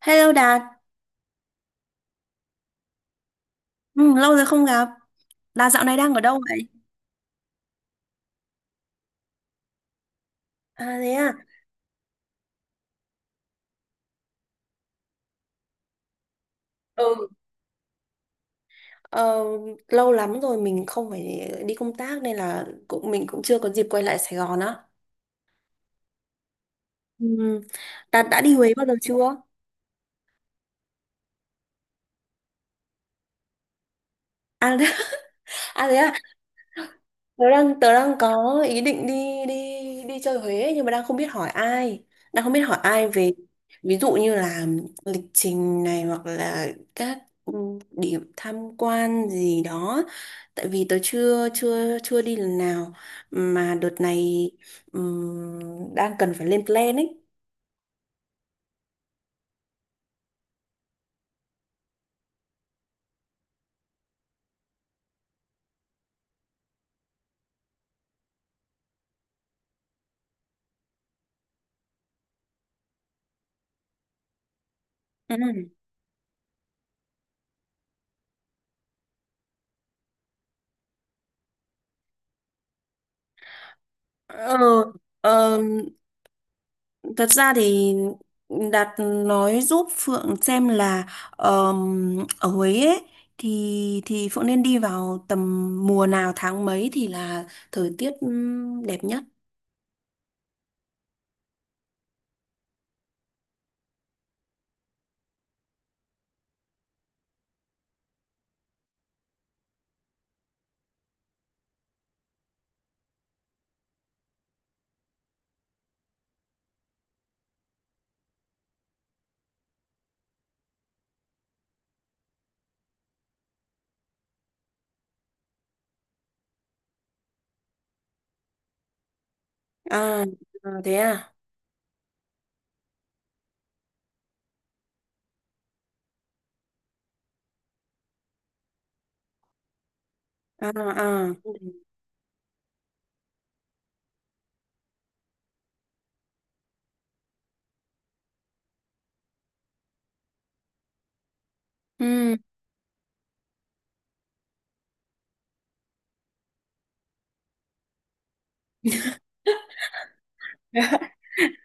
Hello Đạt, ừ, lâu rồi không gặp. Đạt dạo này đang ở đâu vậy? À thế à, ừ, ờ, lâu lắm rồi mình không phải đi công tác nên là mình cũng chưa có dịp quay lại Sài Gòn á. Ừ. Đạt đã đi Huế bao giờ chưa? À, à thế à, tớ đang có ý định đi đi đi chơi Huế nhưng mà đang không biết hỏi ai về ví dụ như là lịch trình này hoặc là các ừ, điểm tham quan gì đó tại vì tớ chưa chưa chưa đi lần nào mà đợt này đang cần phải lên plan ấy. Ừ. Ờ, ờ, Thật ra thì Đạt nói giúp Phượng xem là ở Huế ấy, thì Phượng nên đi vào tầm mùa nào tháng mấy thì là thời tiết đẹp nhất. À, à, thế à? À, à. Ừ.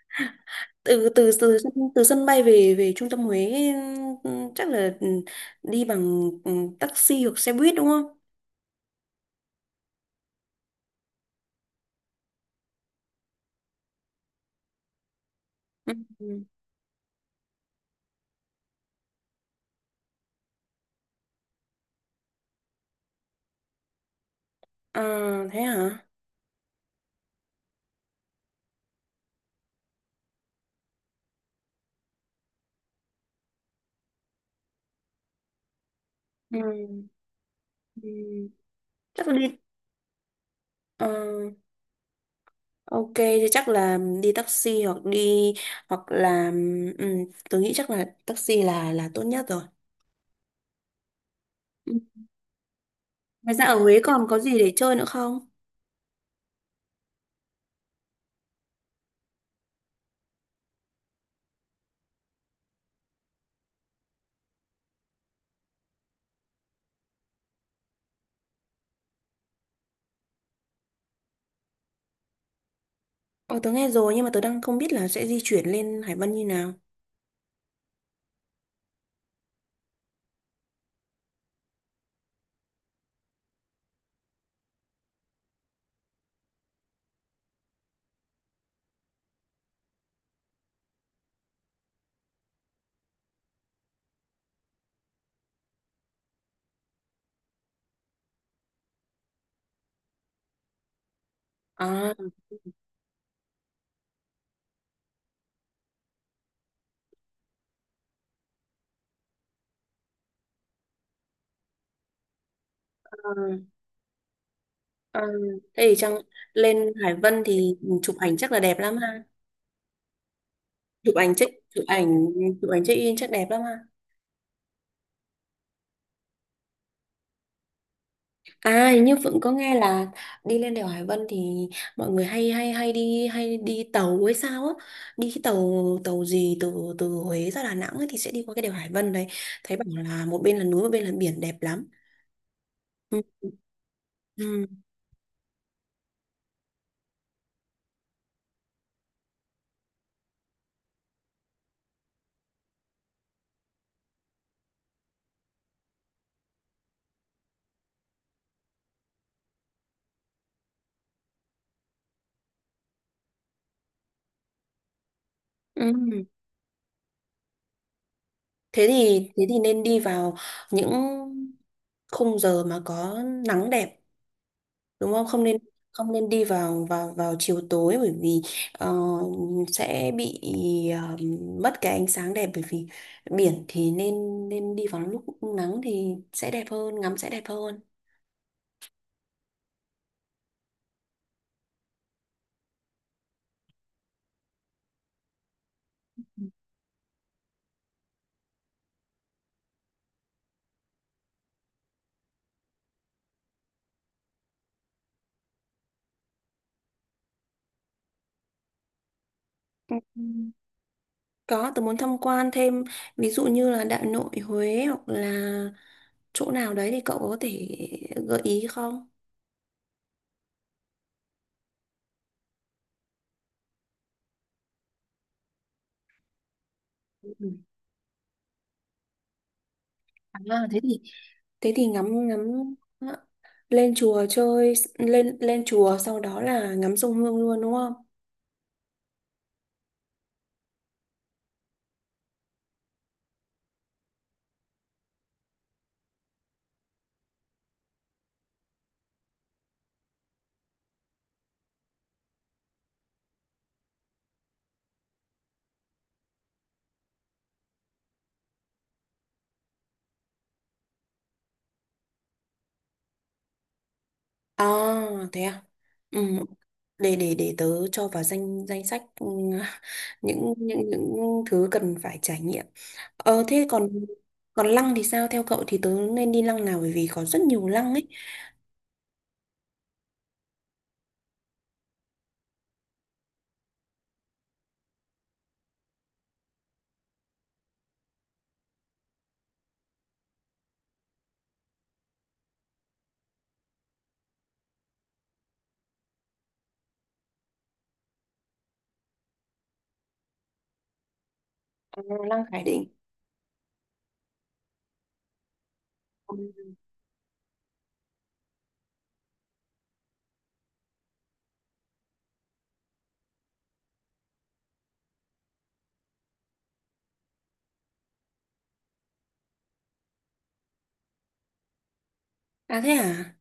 từ từ từ từ sân bay về về trung tâm Huế, chắc là đi bằng taxi hoặc xe buýt đúng không? Ừ. Ừ. À, thế hả? Ừ. Ừ. Chắc là đi ờ, ok thì chắc là đi taxi hoặc đi hoặc là ừ, tôi nghĩ chắc là taxi là tốt nhất rồi. Ừ. Ngoài ra ở Huế còn có gì để chơi nữa không? Ồ, tớ nghe rồi nhưng mà tớ đang không biết là sẽ di chuyển lên Hải Vân như nào. À. Ờ, thế thì lên Hải Vân thì chụp ảnh chắc là đẹp lắm ha. Chụp ảnh check chụp ảnh chụp ảnh check in chắc đẹp lắm ha. À hình như Phượng có nghe là đi lên đèo Hải Vân thì mọi người hay hay hay đi tàu hay sao á. Đi cái tàu tàu gì từ từ Huế ra Đà Nẵng ấy, thì sẽ đi qua cái đèo Hải Vân đấy. Thấy bảo là một bên là núi một bên là biển đẹp lắm. Ừ. Ừ. Ừ. Thế thì nên đi vào những khung giờ mà có nắng đẹp đúng không, không nên đi vào vào vào chiều tối bởi vì ờ, sẽ bị ờ, mất cái ánh sáng đẹp bởi vì biển thì nên nên đi vào lúc nắng thì sẽ đẹp hơn ngắm sẽ đẹp hơn. Ừ. Có, tôi muốn tham quan thêm ví dụ như là Đại Nội Huế hoặc là chỗ nào đấy thì cậu có thể gợi ý không? Ừ. À, thế thì ngắm ngắm ờ, lên chùa chơi lên lên chùa sau đó là ngắm sông Hương luôn đúng không? À, thế à? Ừ, để tớ cho vào danh danh sách những thứ cần phải trải nghiệm. Ờ thế còn còn lăng thì sao? Theo cậu thì tớ nên đi lăng nào bởi vì có rất nhiều lăng ấy. Ờ, lăng Khải Định. Ừ. À thế à?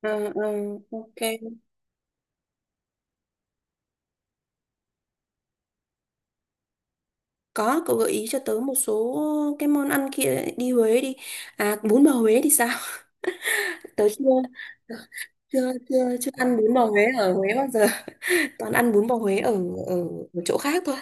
Ờ, ờ, ok. Có, cậu gợi ý cho tớ một số cái món ăn kia đi Huế đi. À bún bò Huế thì sao? Tớ chưa chưa chưa chưa ăn bún bò Huế ở Huế bao giờ. Toàn ăn bún bò Huế ở ở, ở chỗ khác thôi.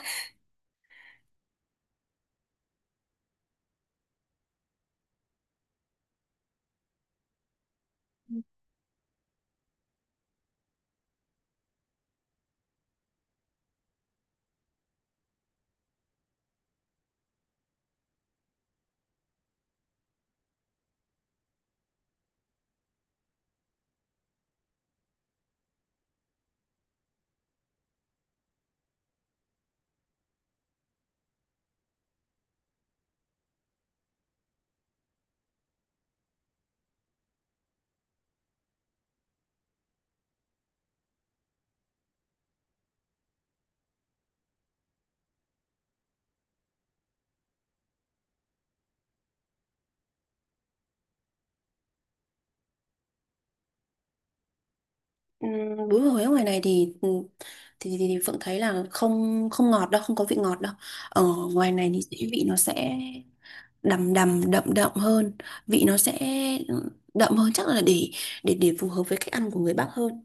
Ừ, bún bò Huế ngoài này thì ừ, thì Phượng thấy là không không ngọt đâu, không có vị ngọt đâu. Ở ngoài này thì vị nó sẽ đầm đầm đậm đậm hơn, vị nó sẽ đậm hơn chắc là để phù hợp với cách ăn của người Bắc hơn.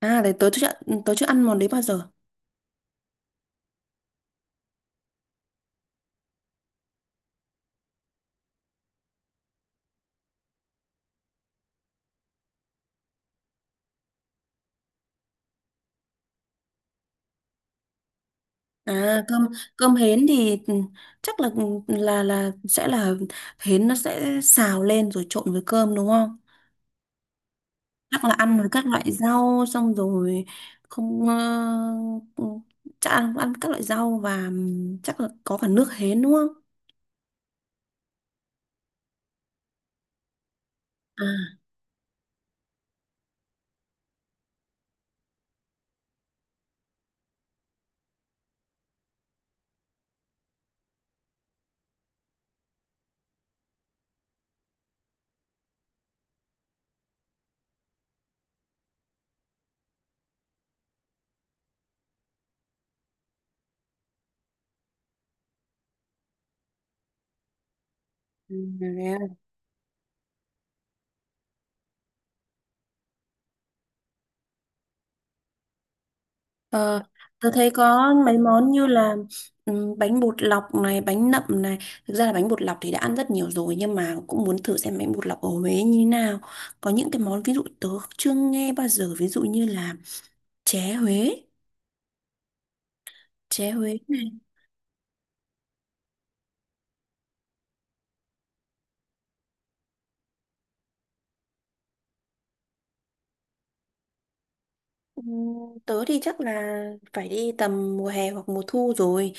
À, đấy tớ chưa ăn món đấy bao giờ. À, cơm cơm hến thì chắc là sẽ là hến nó sẽ xào lên rồi trộn với cơm đúng không? Chắc là ăn với các loại rau xong rồi không chắc ăn ăn các loại rau và chắc là có cả nước hến đúng không? À, ừ, à, thế à. ờ, tôi thấy có mấy món như là bánh bột lọc này, bánh nậm này. Thực ra là bánh bột lọc thì đã ăn rất nhiều rồi nhưng mà cũng muốn thử xem bánh bột lọc ở Huế như thế nào. Có những cái món ví dụ tớ chưa nghe bao giờ, ví dụ như là chè Huế, chè Huế. Ừm, Tớ thì chắc là phải đi tầm mùa hè hoặc mùa thu rồi.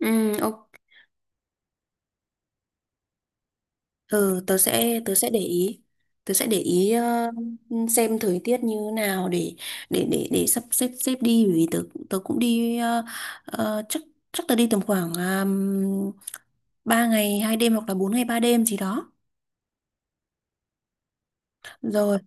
Ừ, ok. Ừ, tớ sẽ để ý. Tớ sẽ để ý xem thời tiết như nào để sắp xếp xếp đi bởi vì tớ tớ cũng đi chắc chắc tớ đi tầm khoảng 3 ngày 2 đêm hoặc là 4 ngày 3 đêm gì đó. Rồi,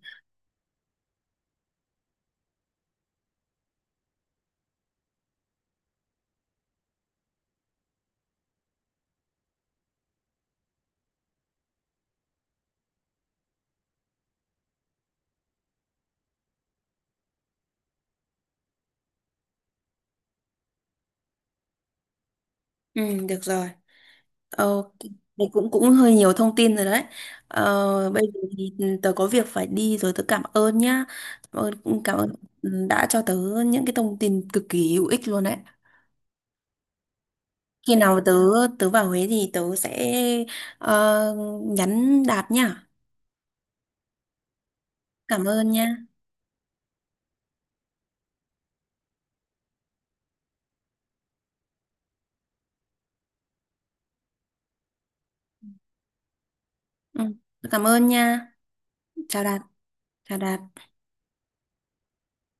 ừ, được rồi. Ờ, đấy cũng cũng hơi nhiều thông tin rồi đấy. Ờ, bây giờ thì tớ có việc phải đi rồi tớ cảm ơn nhá. Cảm ơn đã cho tớ những cái thông tin cực kỳ hữu ích luôn đấy. Khi nào tớ tớ vào Huế thì tớ sẽ ờ, nhắn Đạt nhá. Cảm ơn nha. Ừ, cảm ơn nha. Chào Đạt, chào Đạt.